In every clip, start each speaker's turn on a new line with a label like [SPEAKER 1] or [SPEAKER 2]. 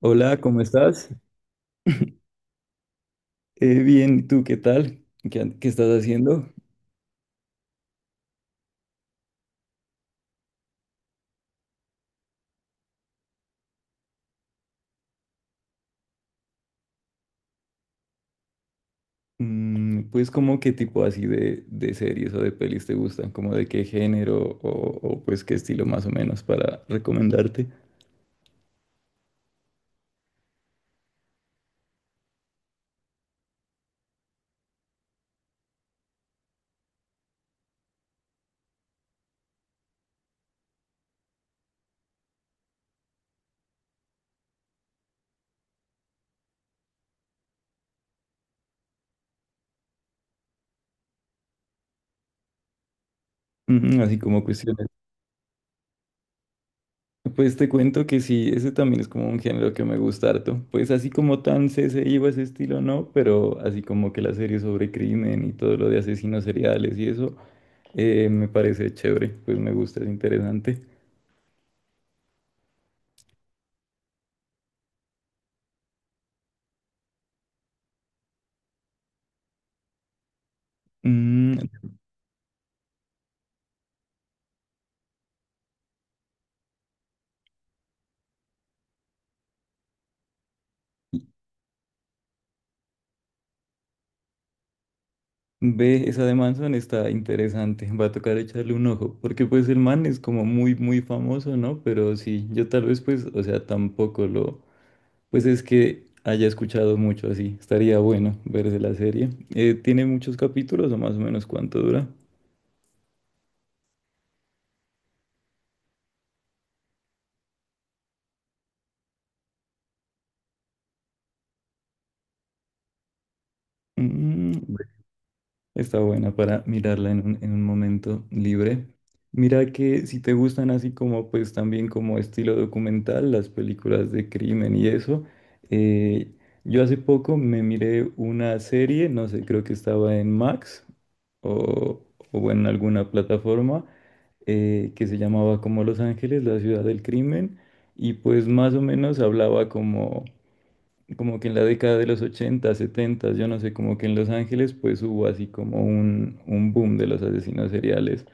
[SPEAKER 1] Hola, ¿cómo estás? Bien, ¿y tú qué tal? ¿Qué estás haciendo? Pues como qué tipo así de series o de pelis te gustan, como de qué género o, pues qué estilo más o menos para recomendarte. Mm, así como cuestiones. Pues te cuento que sí, ese también es como un género que me gusta harto. Pues así como tan CSI o ese estilo no, pero así como que la serie sobre crimen y todo lo de asesinos seriales y eso, me parece chévere, pues me gusta, es interesante. Mm. Ve, esa de Manson está interesante, va a tocar echarle un ojo, porque pues el man es como muy, muy famoso, ¿no? Pero sí, yo tal vez pues, o sea, tampoco lo, pues es que haya escuchado mucho así, estaría bueno verse la serie. ¿Tiene muchos capítulos o más o menos cuánto dura? Mm. Está buena para mirarla en en un momento libre. Mira que si te gustan así como pues también como estilo documental, las películas de crimen y eso, eh, yo hace poco me miré una serie, no sé, creo que estaba en Max o, o en alguna plataforma que se llamaba como Los Ángeles, la ciudad del crimen, y pues más o menos hablaba como que en la década de los 80, 70, yo no sé, como que en Los Ángeles pues hubo así como un boom de los asesinos seriales.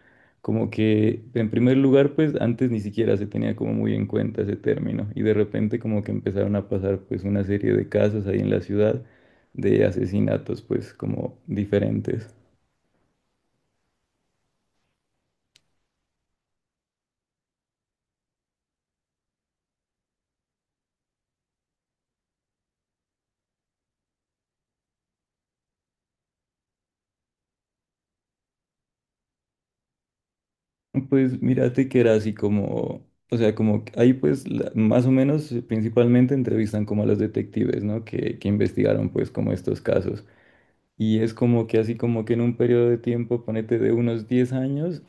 [SPEAKER 1] Como que en primer lugar pues antes ni siquiera se tenía como muy en cuenta ese término y de repente como que empezaron a pasar pues una serie de casos ahí en la ciudad de asesinatos pues como diferentes. Pues mírate que era así como, o sea, como que ahí pues más o menos principalmente entrevistan como a los detectives, ¿no? Que investigaron pues como estos casos. Y es como que así como que en un periodo de tiempo, ponete de unos 10 años,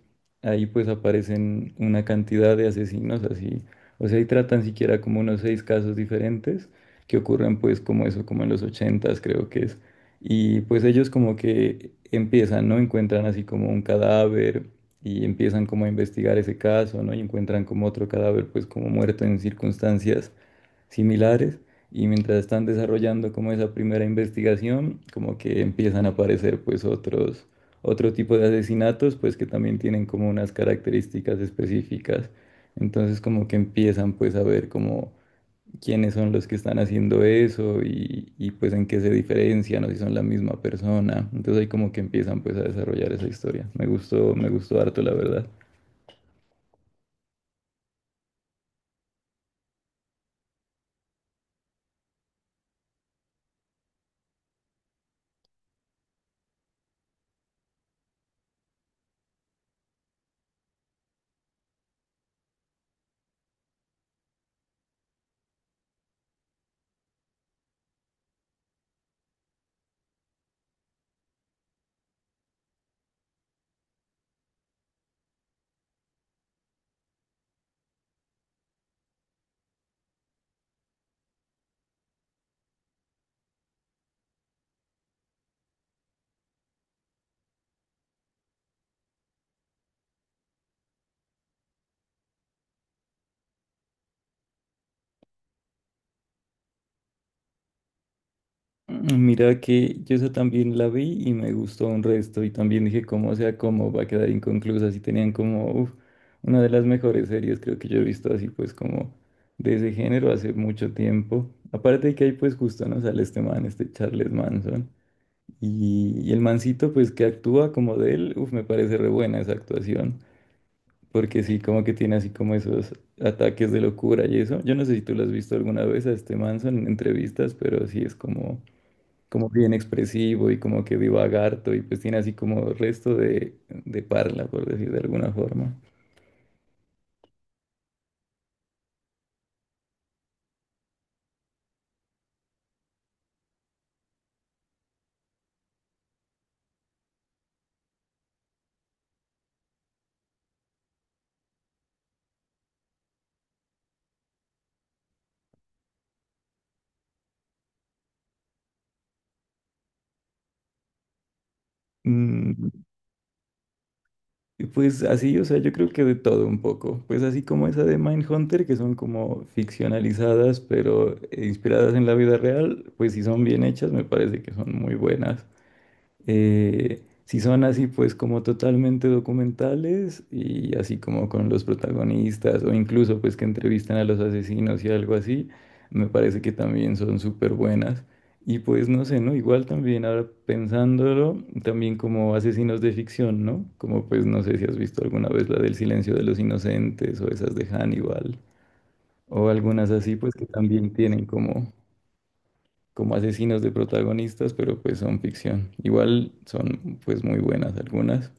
[SPEAKER 1] ahí pues aparecen una cantidad de asesinos así. O sea, ahí tratan siquiera como unos seis casos diferentes que ocurren pues como eso, como en los ochentas creo que es. Y pues ellos como que empiezan, ¿no? Encuentran así como un cadáver y empiezan como a investigar ese caso, ¿no? Y encuentran como otro cadáver pues como muerto en circunstancias similares y mientras están desarrollando como esa primera investigación, como que empiezan a aparecer pues otros, otro tipo de asesinatos pues que también tienen como unas características específicas. Entonces como que empiezan pues a ver como quiénes son los que están haciendo eso y pues en qué se diferencian o si son la misma persona. Entonces ahí como que empiezan pues a desarrollar esa historia. Me gustó harto la verdad. Mira que yo esa también la vi y me gustó un resto y también dije cómo sea, cómo va a quedar inconclusa, si tenían como uf, una de las mejores series creo que yo he visto así pues como de ese género hace mucho tiempo. Aparte de que ahí pues justo no sale este man, este Charles Manson y el mancito pues que actúa como de él, uf, me parece re buena esa actuación porque sí como que tiene así como esos ataques de locura y eso. Yo no sé si tú lo has visto alguna vez a este Manson en entrevistas, pero sí es como bien expresivo y como que divaga harto y pues tiene así como resto de parla, por decir de alguna forma. Mm, y pues así, o sea, yo creo que de todo un poco. Pues así como esa de Mindhunter, que son como ficcionalizadas, pero inspiradas en la vida real, pues si son bien hechas, me parece que son muy buenas. Si son así, pues como totalmente documentales y así como con los protagonistas o incluso pues que entrevistan a los asesinos y algo así, me parece que también son súper buenas. Y pues no sé, ¿no? Igual también ahora pensándolo, también como asesinos de ficción, ¿no? Como pues no sé si has visto alguna vez la del Silencio de los Inocentes o esas de Hannibal o algunas así pues que también tienen como asesinos de protagonistas, pero pues son ficción. Igual son pues muy buenas algunas.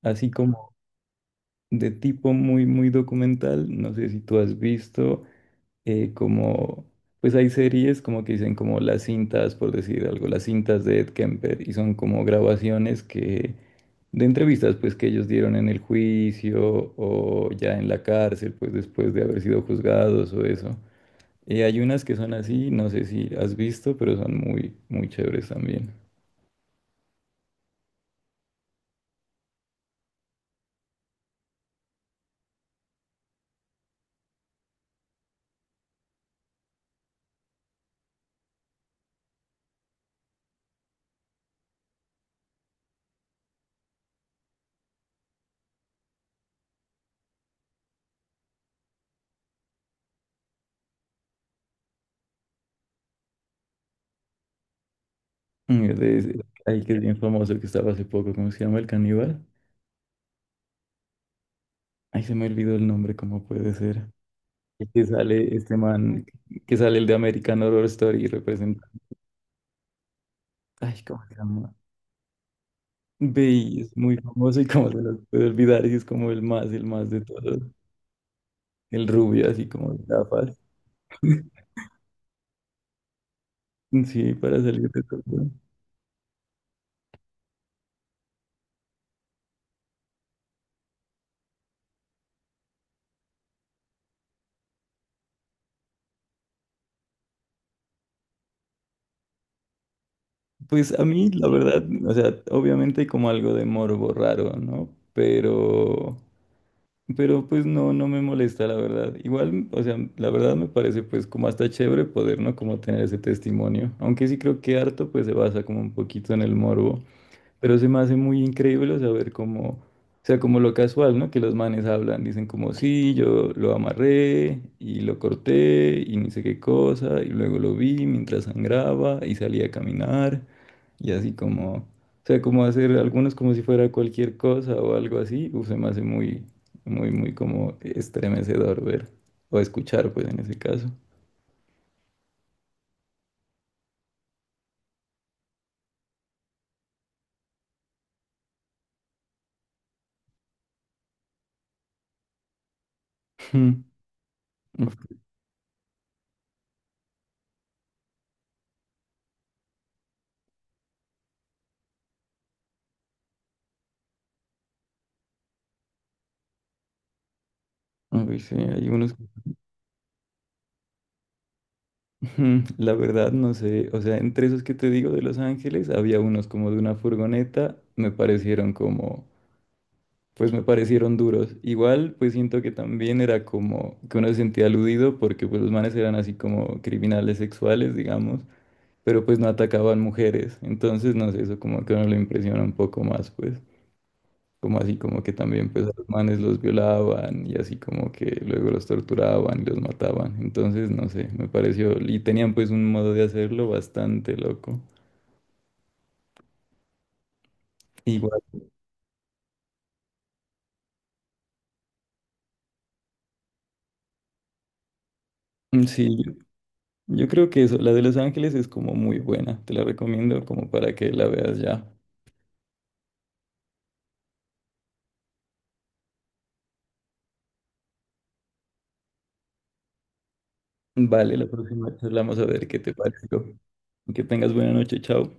[SPEAKER 1] Así como de tipo muy, muy documental, no sé si tú has visto eh, como, pues hay series como que dicen como las cintas, por decir algo, las cintas de Ed Kemper y son como grabaciones de entrevistas pues que ellos dieron en el juicio o ya en la cárcel, pues después de haber sido juzgados o eso. Y hay unas que son así, no sé si has visto, pero son muy, muy chéveres también. Mm, hay que es bien famoso que estaba hace poco, ¿cómo se llama? El caníbal. Ay, se me olvidó el nombre, ¿cómo puede ser? El que sale este man, Que sale el de American Horror Story y representa. Ay, ¿cómo se llama? Ve, y es muy famoso y cómo se lo puede olvidar y es como el más de todos. El rubio, así como de gafas. Sí, para salir de todo. Pues a mí, la verdad, o sea, obviamente hay como algo de morbo raro, ¿no? Pero pues no, no me molesta, la verdad. Igual, o sea, la verdad me parece pues como hasta chévere poder, ¿no? Como tener ese testimonio. Aunque sí creo que harto pues se basa como un poquito en el morbo. Pero se me hace muy increíble saber cómo, o sea, como lo casual, ¿no? Que los manes hablan, dicen como, sí, yo lo amarré y lo corté y ni sé qué cosa y luego lo vi mientras sangraba y salí a caminar. Y así como, o sea, como hacer algunos como si fuera cualquier cosa o algo así, uf, se me hace muy, muy, muy como estremecedor ver o escuchar, pues en ese caso. Mm, uf, uy, sí, hay unos, ujú, la verdad no sé, o sea, entre esos que te digo de Los Ángeles, había unos como de una furgoneta, me parecieron como, pues me parecieron duros. Igual, pues siento que también era como que uno se sentía aludido porque pues los manes eran así como criminales sexuales, digamos. Pero pues no atacaban mujeres. Entonces, no sé, eso como que a uno le impresiona un poco más, pues, como así como que también pues a los manes los violaban y así como que luego los torturaban y los mataban. Entonces, no sé, me pareció, y tenían pues un modo de hacerlo bastante loco. Igual, mm, sí, yo creo que eso, la de Los Ángeles es como muy buena, te la recomiendo como para que la veas ya. Vale, la próxima charlamos a ver qué te pareció. Que tengas buena noche, chao.